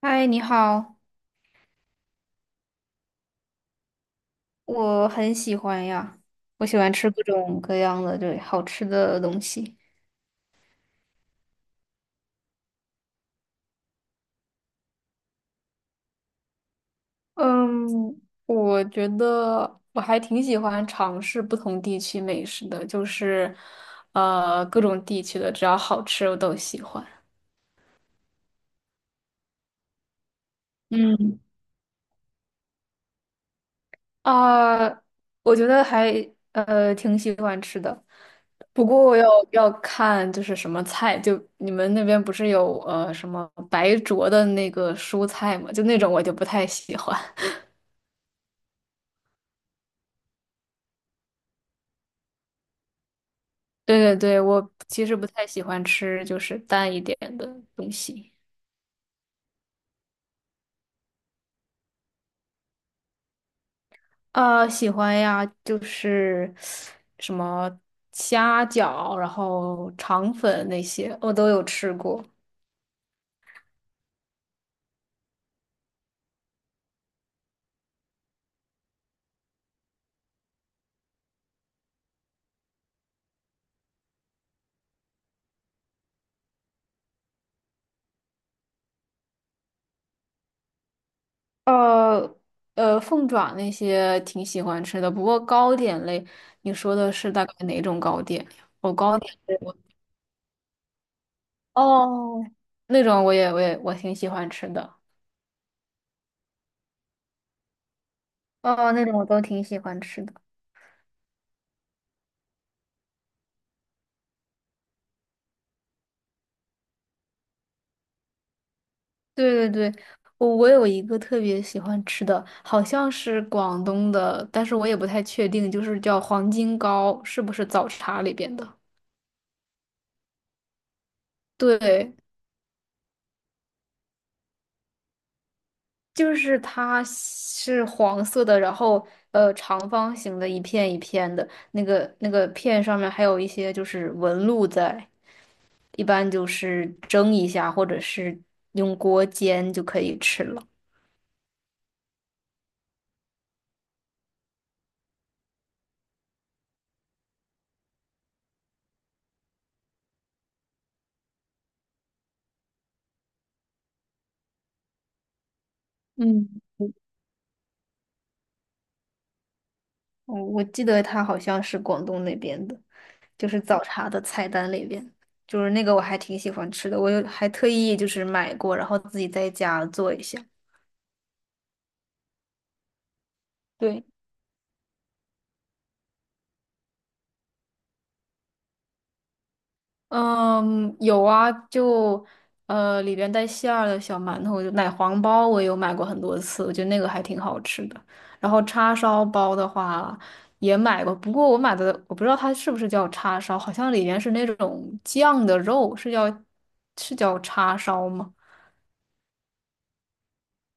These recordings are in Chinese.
嗨，你好。我很喜欢呀，我喜欢吃各种各样的对好吃的东西。嗯，我觉得我还挺喜欢尝试不同地区美食的，就是,各种地区的只要好吃我都喜欢。嗯。啊，我觉得还挺喜欢吃的，不过要看就是什么菜，就你们那边不是有什么白灼的那个蔬菜嘛，就那种我就不太喜欢。对对对，我其实不太喜欢吃就是淡一点的东西。啊，喜欢呀，就是什么虾饺，然后肠粉那些我都有吃过。呃凤爪那些挺喜欢吃的，不过糕点类，你说的是大概哪种糕点呀？哦，糕点类我哦那种我也我挺喜欢吃的。哦，那种我都挺喜欢吃的。对对对，我我有一个特别喜欢吃的，好像是广东的，但是我也不太确定，就是叫黄金糕，是不是早茶里边的？对，就是它是黄色的，然后长方形的一片一片的，那个片上面还有一些就是纹路在，一般就是蒸一下或者是用锅煎就可以吃了。嗯，我我记得它好像是广东那边的，就是早茶的菜单里边，就是那个我还挺喜欢吃的，我有还特意就是买过，然后自己在家做一下。对。嗯，有啊，就里边带馅儿的小馒头，就奶黄包，我有买过很多次，我觉得那个还挺好吃的。然后叉烧包的话也买过，不过我买的我不知道它是不是叫叉烧，好像里面是那种酱的肉，是叫叉烧吗？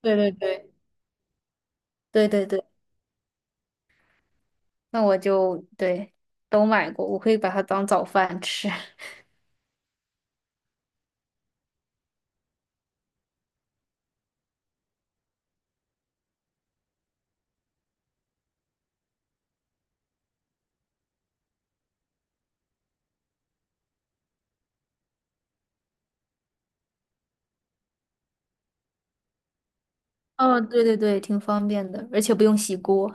对对对对对对，那我就对都买过，我可以把它当早饭吃。哦，对对对，挺方便的，而且不用洗锅。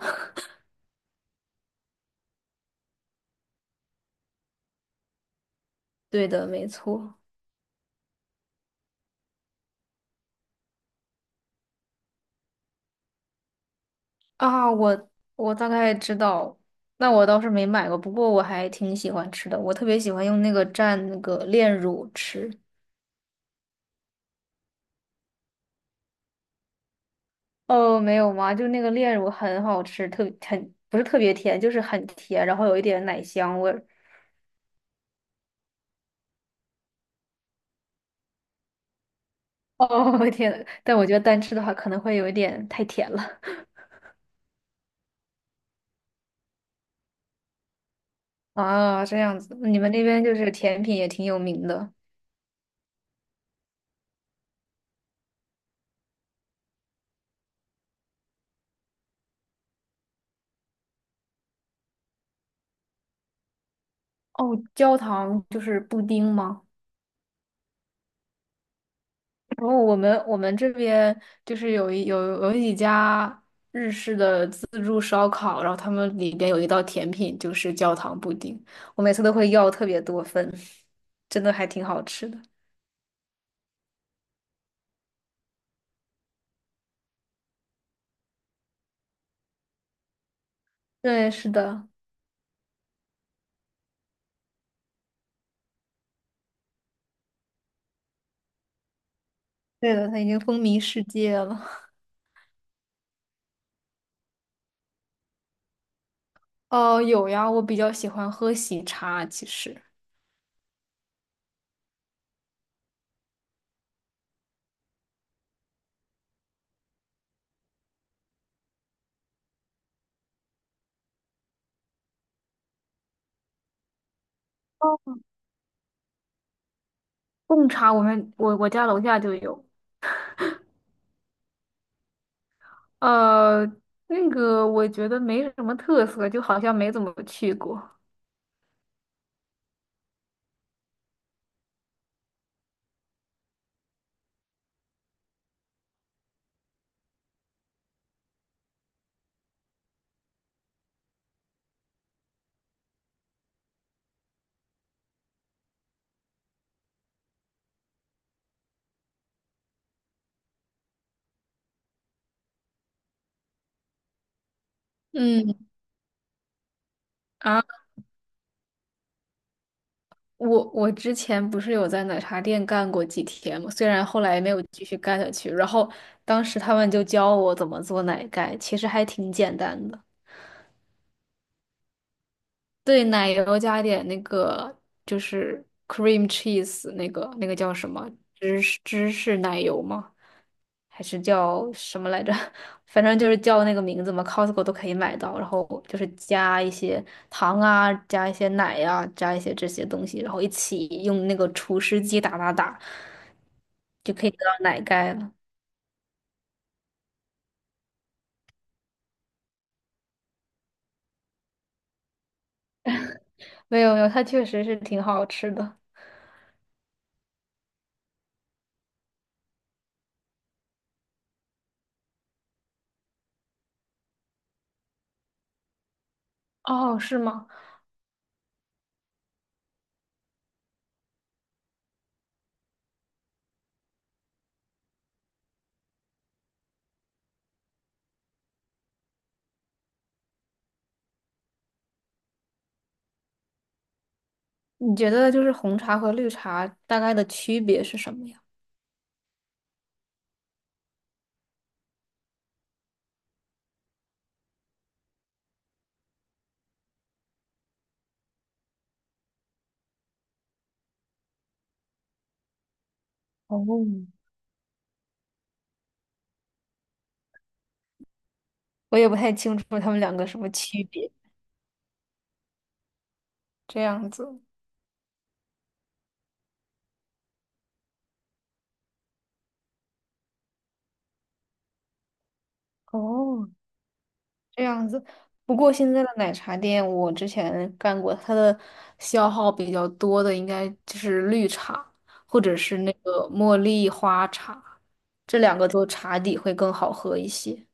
对的，没错。啊，我我大概知道，那我倒是没买过，不过我还挺喜欢吃的，我特别喜欢用那个蘸那个炼乳吃。哦，没有吗？就那个炼乳很好吃，特很不是特别甜，就是很甜，然后有一点奶香味儿。哦，天呐，但我觉得单吃的话可能会有一点太甜了。啊，这样子，你们那边就是甜品也挺有名的。哦，焦糖就是布丁吗？然后我们这边就是有一有有几家日式的自助烧烤，然后他们里边有一道甜品就是焦糖布丁，我每次都会要特别多份，真的还挺好吃的。对，是的。对的，它已经风靡世界了。哦，有呀，我比较喜欢喝喜茶，其实哦贡茶我们我家楼下就有。呃，那个我觉得没什么特色，就好像没怎么去过。嗯。啊。我我之前不是有在奶茶店干过几天嘛，虽然后来没有继续干下去，然后当时他们就教我怎么做奶盖，其实还挺简单的。对，奶油加点那个就是 cream cheese 那个那个叫什么芝士芝士奶油吗？还是叫什么来着？反正就是叫那个名字嘛，Costco 都可以买到。然后就是加一些糖啊，加一些奶呀、啊加一些这些东西，然后一起用那个除湿机打打打，就可以得到奶盖了。没有没有，它确实是挺好吃的。哦，是吗？你觉得就是红茶和绿茶大概的区别是什么呀？哦，我也不太清楚它们两个什么区别。这样子。哦，这样子。不过现在的奶茶店，我之前干过，它的消耗比较多的应该就是绿茶，或者是那个茉莉花茶，这两个做茶底会更好喝一些。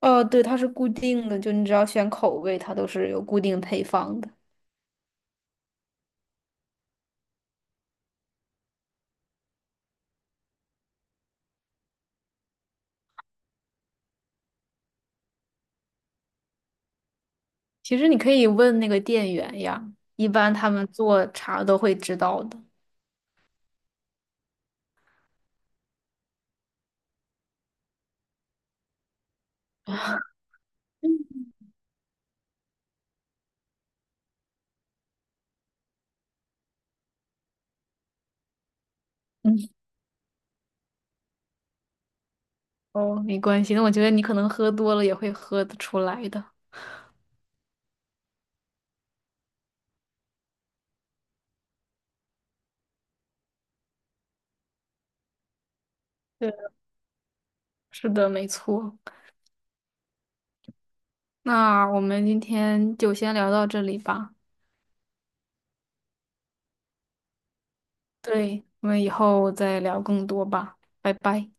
哦，对，它是固定的，就你只要选口味，它都是有固定配方的。其实你可以问那个店员呀，一般他们做茶都会知道的。嗯，哦，没关系，那我觉得你可能喝多了也会喝得出来的。对，是的，没错。那我们今天就先聊到这里吧。对，我们以后再聊更多吧，拜拜。